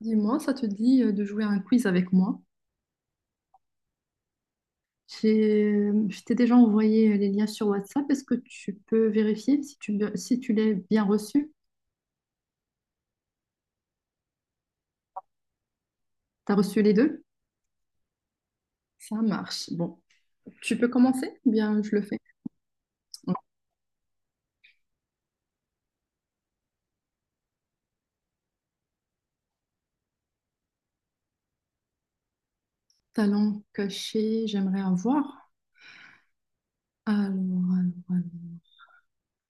Dis-moi, ça te dit de jouer à un quiz avec moi? Je t'ai déjà envoyé les liens sur WhatsApp. Est-ce que tu peux vérifier si tu l'as bien reçu? T'as reçu les deux? Ça marche. Bon, tu peux commencer? Bien, je le fais. Bon. Talent caché, j'aimerais avoir. Alors, alors, alors.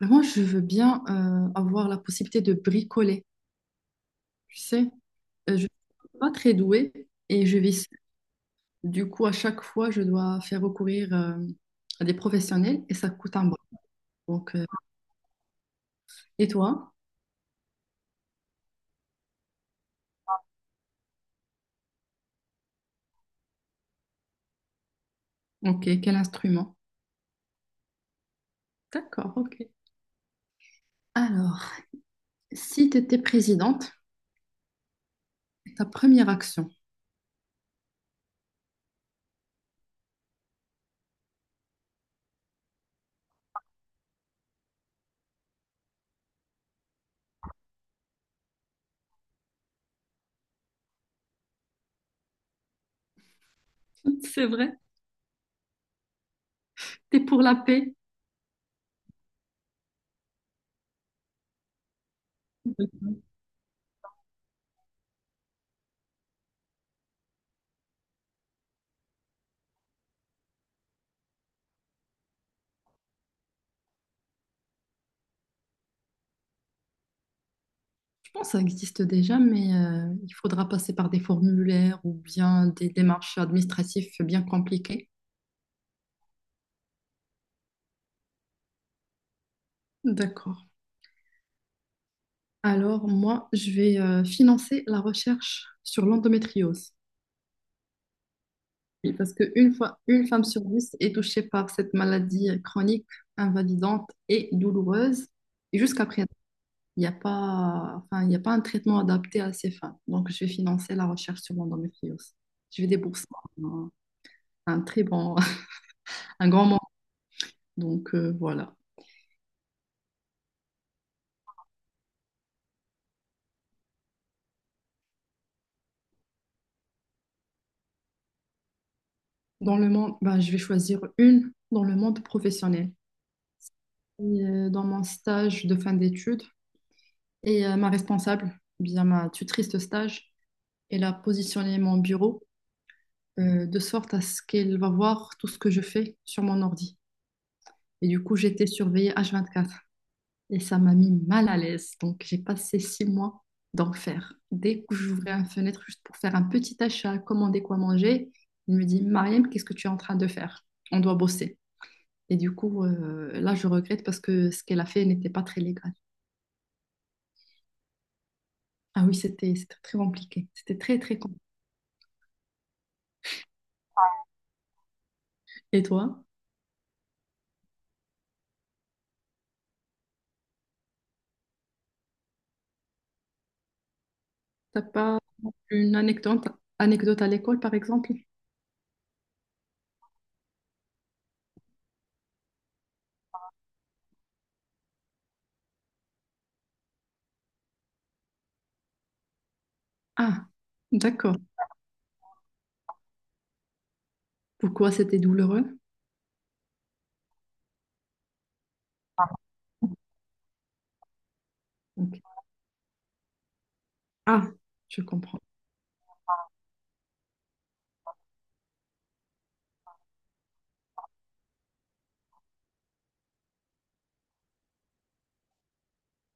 Mais moi, je veux bien avoir la possibilité de bricoler. Tu sais, Je suis pas très douée et je vis. Du coup, à chaque fois, je dois faire recourir à des professionnels et ça coûte un bras. Donc, et toi? Ok, quel instrument? D'accord, ok. Alors, si tu étais présidente, ta première action. C'est vrai, t'es pour la paix. Je pense que ça existe déjà, mais il faudra passer par des formulaires ou bien des démarches administratives bien compliquées. D'accord. Alors, moi, je vais financer la recherche sur l'endométriose. Oui, parce qu'une fois, une femme sur 10 est touchée par cette maladie chronique, invalidante et douloureuse. Et jusqu'à présent, il n'y a pas, enfin, il n'y a pas un traitement adapté à ces femmes. Donc, je vais financer la recherche sur l'endométriose. Je vais débourser un, un très bon, un grand montant. Donc, voilà. Dans le monde, ben, je vais choisir une dans le monde professionnel. Et, dans mon stage de fin d'études, et ma responsable, bien ma tutrice de stage, elle a positionné mon bureau de sorte à ce qu'elle va voir tout ce que je fais sur mon ordi. Et du coup, j'étais surveillée H24 et ça m'a mis mal à l'aise. Donc, j'ai passé 6 mois d'enfer. Dès que j'ouvrais une fenêtre juste pour faire un petit achat, commander quoi manger, il me dit Mariam, qu'est-ce que tu es en train de faire? On doit bosser. Et du coup, là, je regrette parce que ce qu'elle a fait n'était pas très légal. Ah oui, c'était très compliqué. C'était très, très compliqué. Et toi, t'as pas une anecdote à l'école, par exemple? Ah, d'accord. Pourquoi c'était douloureux? Donc, ah, je comprends.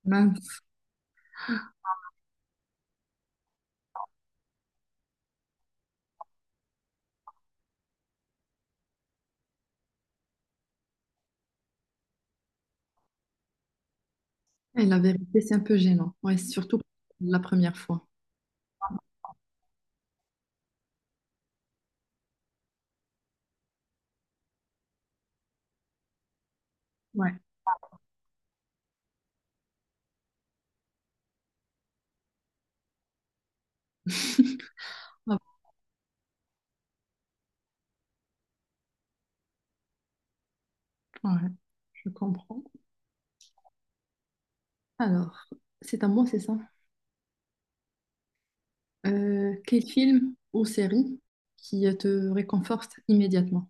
Mince. Et la vérité, c'est un peu gênant. Ouais, surtout la première fois. Ouais. Ah, bon? Ouais, je comprends. Alors, c'est à moi, c'est ça. Quel film ou série qui te réconforte immédiatement?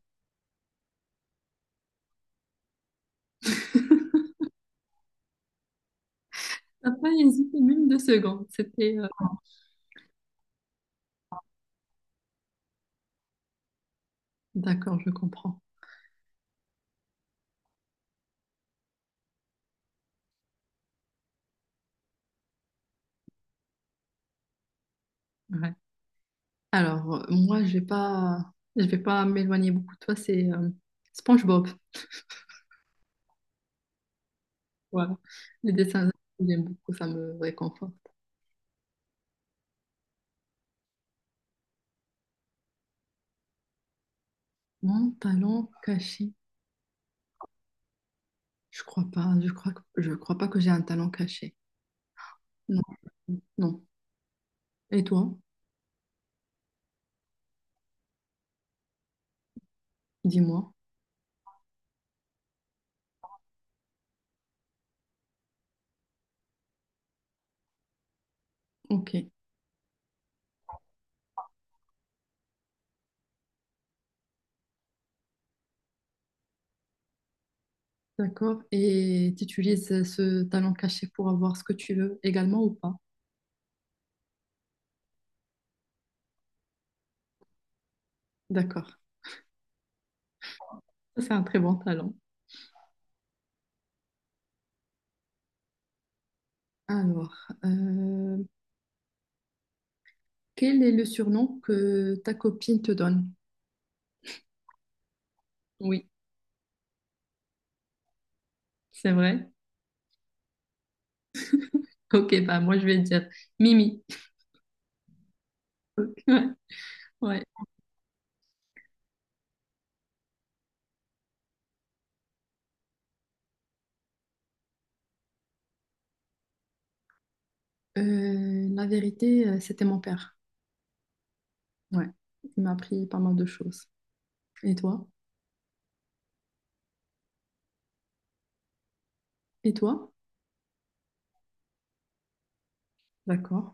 T'as pas hésité même 2 secondes. C'était D'accord, je comprends. Ouais. Alors, moi, je vais pas m'éloigner beaucoup de toi. C'est SpongeBob. Voilà. Les dessins, j'aime beaucoup, ça me réconforte. Mon talent caché, je crois pas. Je crois pas que j'ai un talent caché. Non. Non. Et toi, dis-moi. Ok. D'accord. Et tu utilises ce talent caché pour avoir ce que tu veux également ou pas? D'accord. Ça, c'est un très bon talent. Alors, euh, quel est le surnom que ta copine te donne? Oui, c'est vrai. Ok, bah moi je vais dire Mimi. Ouais. Ouais. La vérité, c'était mon père. Ouais. Il m'a appris pas mal de choses. Et toi? Et toi? D'accord.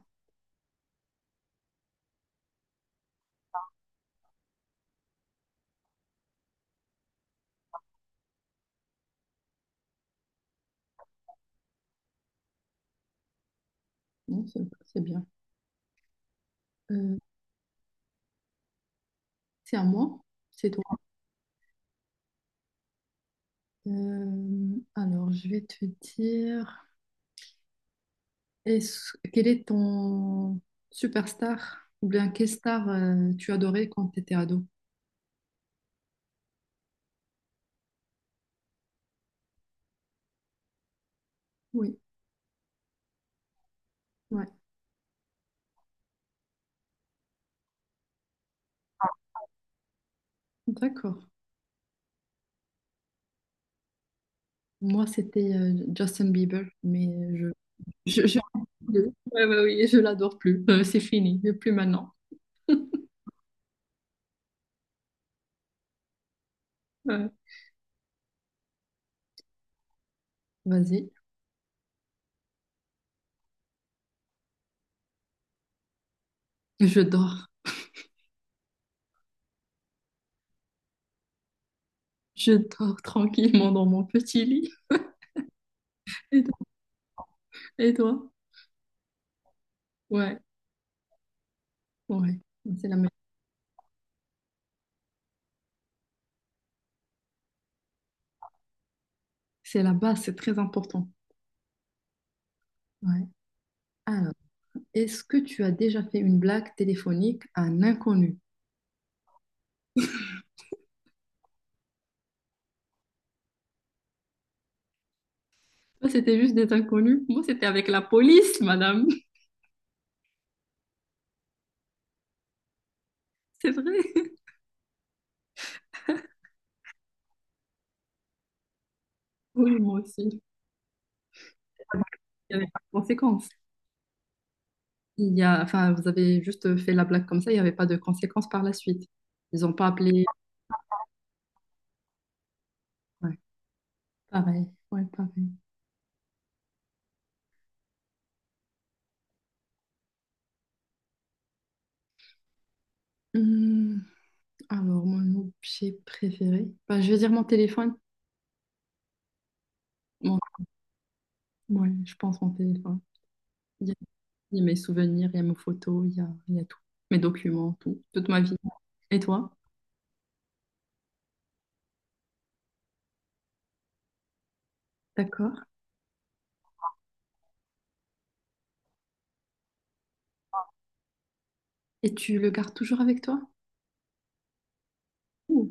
Non, c'est bien. Euh, c'est à moi? C'est toi. Alors, je vais te dire, quel est ton superstar ou bien quelle star tu adorais quand tu étais ado? Oui, ouais, d'accord. Moi, c'était Justin Bieber, mais je, je, je- ouais, ouais, oui, je l'adore plus. C'est fini, plus maintenant. Ouais. Vas-y, je dors. Je dors tranquillement dans mon petit lit. Et toi? Et toi? Ouais. Ouais, c'est la, c'est la base, c'est très important. Ouais. Alors, est-ce que tu as déjà fait une blague téléphonique à un inconnu? Toi, c'était juste des inconnus. Moi, c'était avec la police, madame. C'est vrai. Oui, moi aussi. Il n'y avait pas de conséquences. Enfin, vous avez juste fait la blague comme ça, il n'y avait pas de conséquences par la suite. Ils n'ont pas appelé. Ouais, pareil. Ouais, pareil. Hum, alors, mon objet préféré. Bah, je vais dire mon téléphone. Mon- ouais, je pense mon téléphone. Il y a mes souvenirs, il y a mes photos, il y a tout. Mes documents, tout. Toute ma vie. Et toi? D'accord. Et tu le gardes toujours avec toi? Ouh,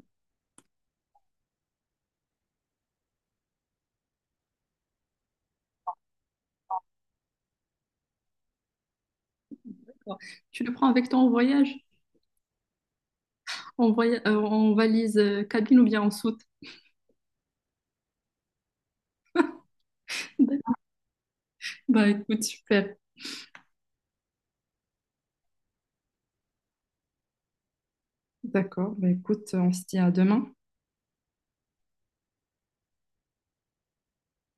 d'accord. Tu le prends avec toi en voyage? En valise cabine ou bien en soute? D'accord. Bah écoute, super. D'accord. Bah écoute, on se dit à demain.